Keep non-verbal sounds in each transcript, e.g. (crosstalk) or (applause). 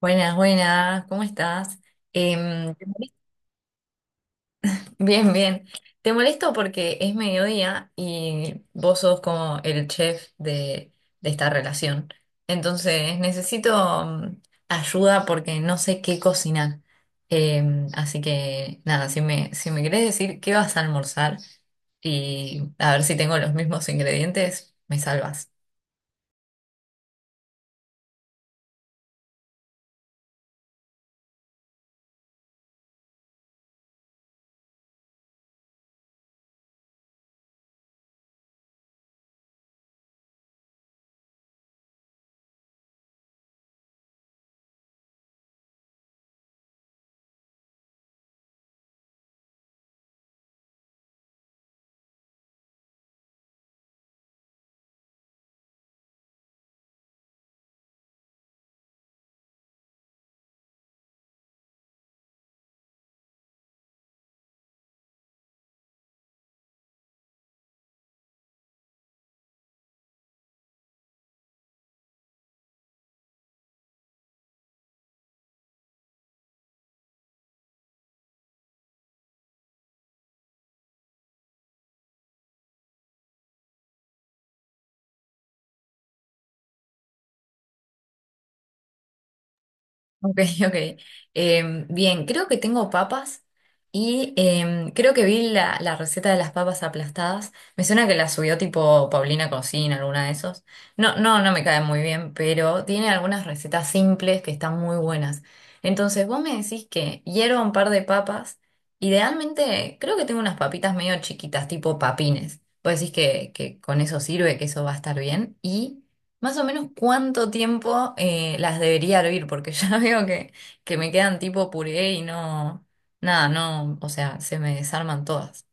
Buenas, buenas, ¿cómo estás? Em, (laughs) bien. Te molesto porque es mediodía y vos sos como el chef de esta relación. Entonces necesito ayuda porque no sé qué cocinar. Así que nada, si me querés decir qué vas a almorzar y a ver si tengo los mismos ingredientes, me salvas. Ok, (laughs) ok. Bien, creo que tengo papas y creo que vi la receta de las papas aplastadas. Me suena que la subió tipo Paulina Cocina, alguna de esos. No me cae muy bien, pero tiene algunas recetas simples que están muy buenas. Entonces, vos me decís que hierva un par de papas. Idealmente, creo que tengo unas papitas medio chiquitas, tipo papines. Vos decís que con eso sirve, que eso va a estar bien. Y más o menos cuánto tiempo las debería hervir, porque (laughs) ya veo que me quedan tipo puré y no, nada, no, o sea, se me desarman todas.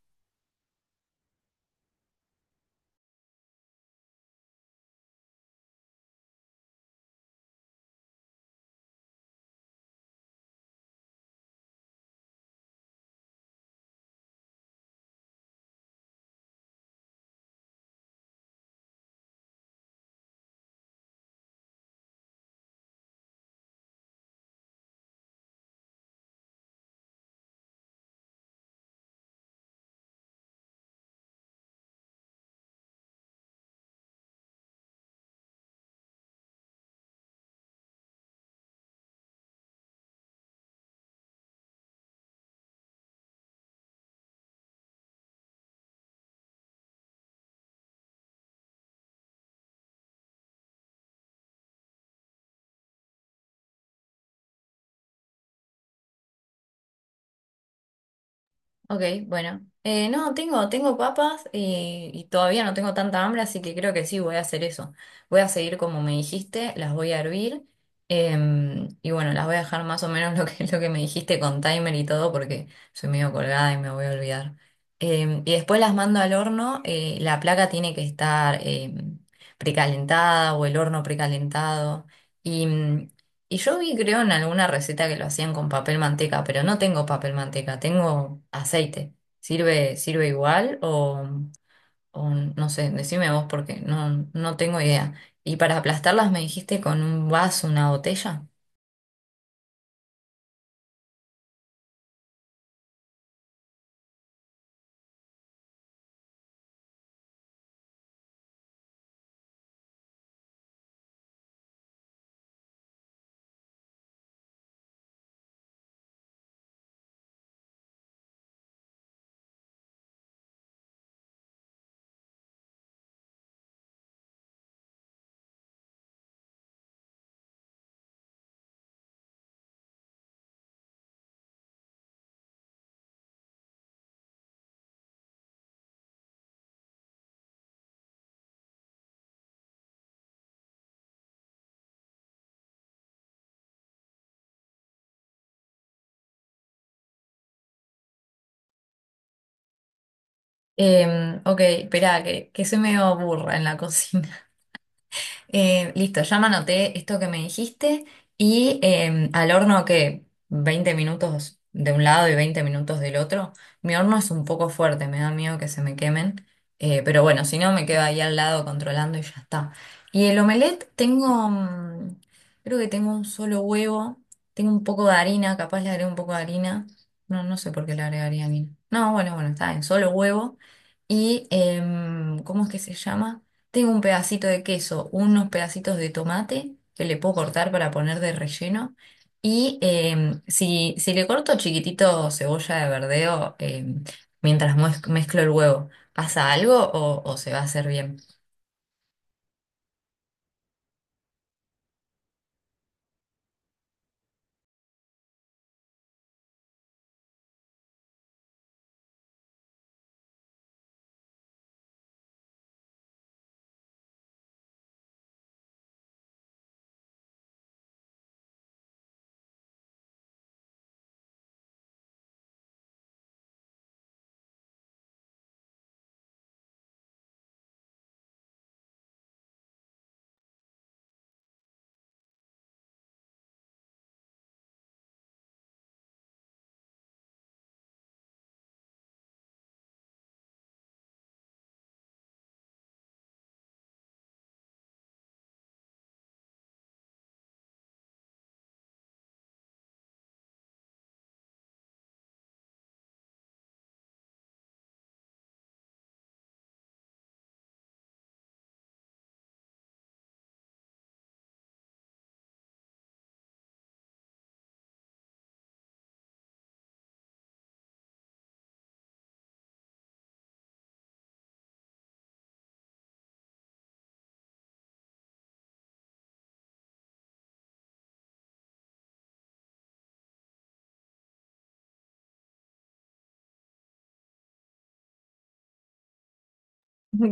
Ok, bueno. No, tengo, tengo papas y todavía no tengo tanta hambre, así que creo que sí voy a hacer eso. Voy a seguir como me dijiste, las voy a hervir y bueno, las voy a dejar más o menos (laughs) lo que me dijiste con timer y todo porque soy medio colgada y me voy a olvidar. Y después las mando al horno, la placa tiene que estar precalentada o el horno precalentado. Y y yo vi, creo, en alguna receta que lo hacían con papel manteca, pero no tengo papel manteca, tengo aceite. ¿Sirve, sirve igual o no sé, decime vos porque no tengo idea. Y para aplastarlas me dijiste con un vaso, una botella. Ok, espera, que soy medio burra en la (laughs) cocina. Listo, ya me anoté esto que me dijiste y al horno que 20 minutos de un lado y 20 minutos del otro. Mi horno es un poco fuerte, me da miedo que se me quemen, pero bueno, si no me quedo ahí al lado controlando y ya está. Y el omelette tengo, mm, creo que tengo un solo huevo, tengo un poco de harina, capaz le agrego un poco de harina. No, no sé por qué le agregaría harina. No, bueno, bueno, está bien, solo huevo. Y, ¿cómo es que se llama? Tengo un pedacito de queso, unos pedacitos de tomate que le puedo cortar para poner de relleno. Y si le corto chiquitito cebolla de verdeo mientras mezclo el huevo, ¿pasa algo o se va a hacer bien? Ok, ok.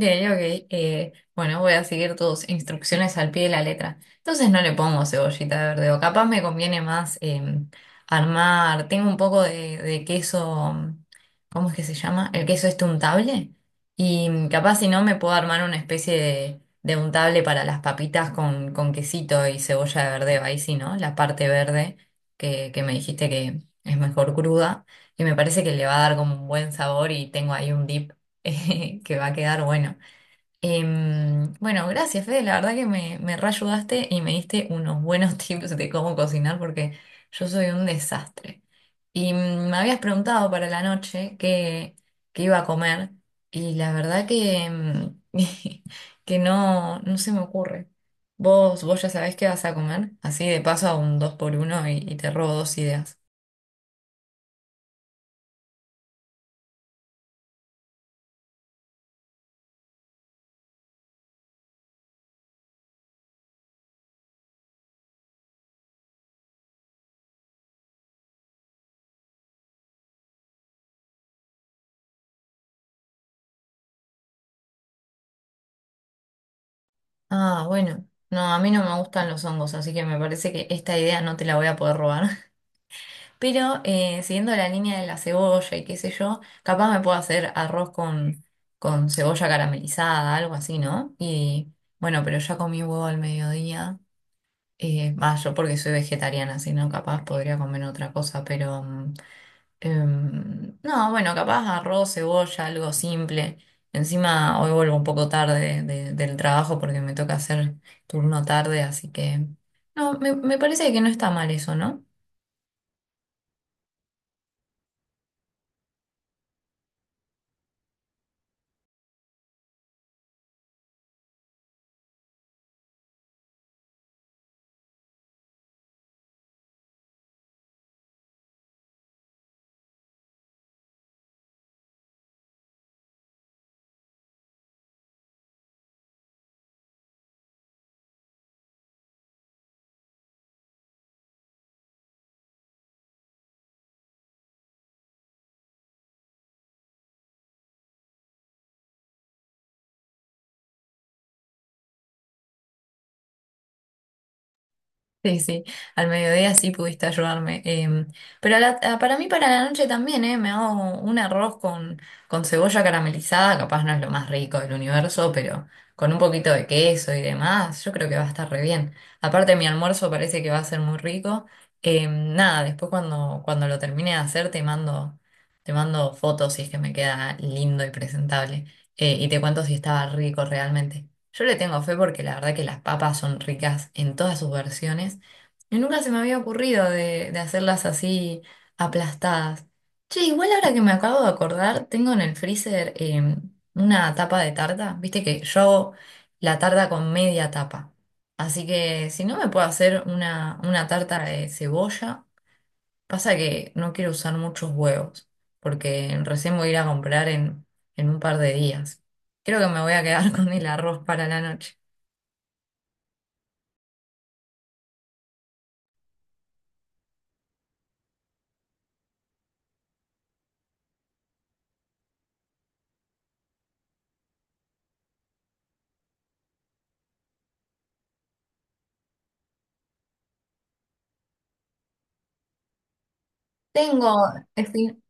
Eh, bueno, voy a seguir tus instrucciones al pie de la letra. Entonces no le pongo cebollita verde o capaz me conviene más armar. Tengo un poco de queso, mm, ¿cómo es que se llama? El queso este untable. Y mm, capaz si no me puedo armar una especie de untable para las papitas con quesito y cebolla de verdeo. Ahí sí, ¿no? La parte verde que me dijiste que es mejor cruda. Y me parece que le va a dar como un buen sabor y tengo ahí un dip (laughs) que va a quedar bueno. Bueno, gracias, Fede. La verdad que me reayudaste y me diste unos buenos (laughs) tips de cómo cocinar porque yo soy un desastre. Y mm, me habías preguntado para la noche qué iba a comer y la verdad que, mm, (laughs) que no se me ocurre. Vos ya sabés qué vas a comer? Así de paso a un dos por uno y te robo dos ideas. Ah, bueno. No, a mí no me gustan los hongos, así que me parece que esta idea no te la voy a poder robar. Pero siguiendo la línea de la cebolla y qué sé yo, capaz me puedo hacer arroz con cebolla caramelizada, algo así, ¿no? Y bueno, pero ya comí huevo al mediodía. Va, yo porque soy vegetariana, si no, capaz podría comer otra cosa, pero mm, em, no, bueno, capaz arroz, cebolla, algo simple. Encima hoy vuelvo un poco tarde del trabajo porque me toca hacer turno tarde, así que no, me parece que no está mal eso, ¿no? Sí, sí, al mediodía sí pudiste ayudarme. Em, pero para mí, para la noche también, me hago un arroz con cebolla caramelizada, capaz no es lo más rico del universo, pero con un poquito de queso y demás, yo creo que va a estar re bien. Aparte, mi almuerzo parece que va a ser muy rico. Em, nada, después cuando lo termine de hacer te mando fotos si es que me queda lindo y presentable. Eh, y te cuento si estaba rico realmente. Yo le tengo fe porque la verdad que las papas son ricas en todas sus versiones y nunca se me había ocurrido de hacerlas así aplastadas. Che, igual ahora que me acabo de acordar, tengo en el freezer una tapa de tarta. Viste que yo hago la tarta con media tapa. Así que si no me puedo hacer una tarta de cebolla, pasa que no quiero usar muchos huevos porque recién voy a ir a comprar en un par de días. Creo que me voy a quedar (laughs) con el arroz para la noche. Tengo, espi-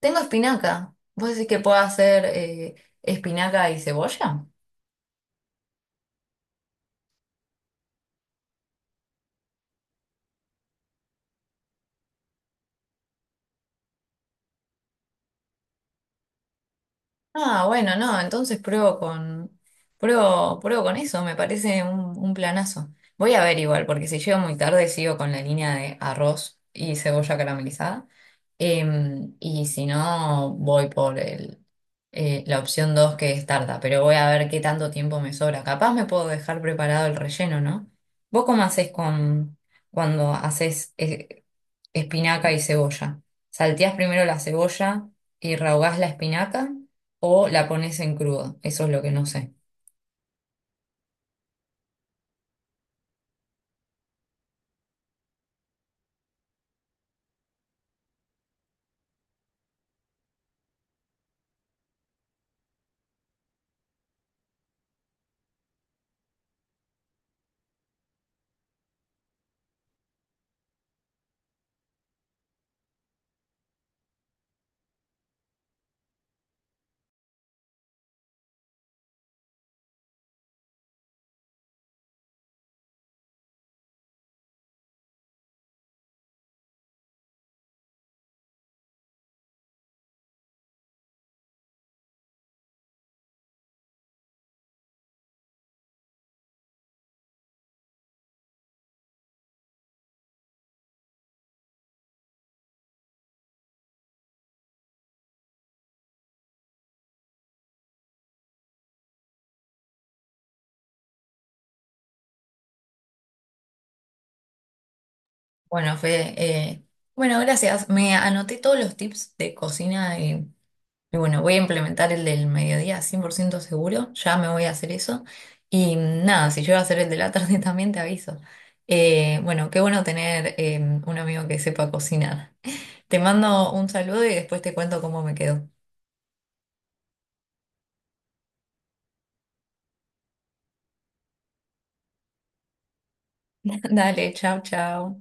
tengo espinaca. ¿Vos decís que puedo hacer espinaca y cebolla? Ah, bueno, no, entonces pruebo, pruebo con eso, me parece un planazo. Voy a ver igual, porque si llego muy tarde sigo con la línea de arroz y cebolla caramelizada. Em, y si no, voy por la opción 2 que es tarta, pero voy a ver qué tanto tiempo me sobra. Capaz me puedo dejar preparado el relleno, ¿no? ¿Vos cómo haces cuando haces espinaca y cebolla? ¿Salteás primero la cebolla y rehogás la espinaca? ¿O la pones en crudo? Eso es lo que no sé. Bueno, Fede, bueno, gracias. Me anoté todos los tips de cocina y bueno, voy a implementar el del mediodía 100% ciento seguro. Ya me voy a hacer eso. Y mm, nada, si yo a hacer el de la tarde (laughs) también te aviso. Bueno, qué bueno tener un amigo que sepa cocinar. Te mando un saludo y después te cuento cómo me quedó. (laughs) Dale, chao, chao.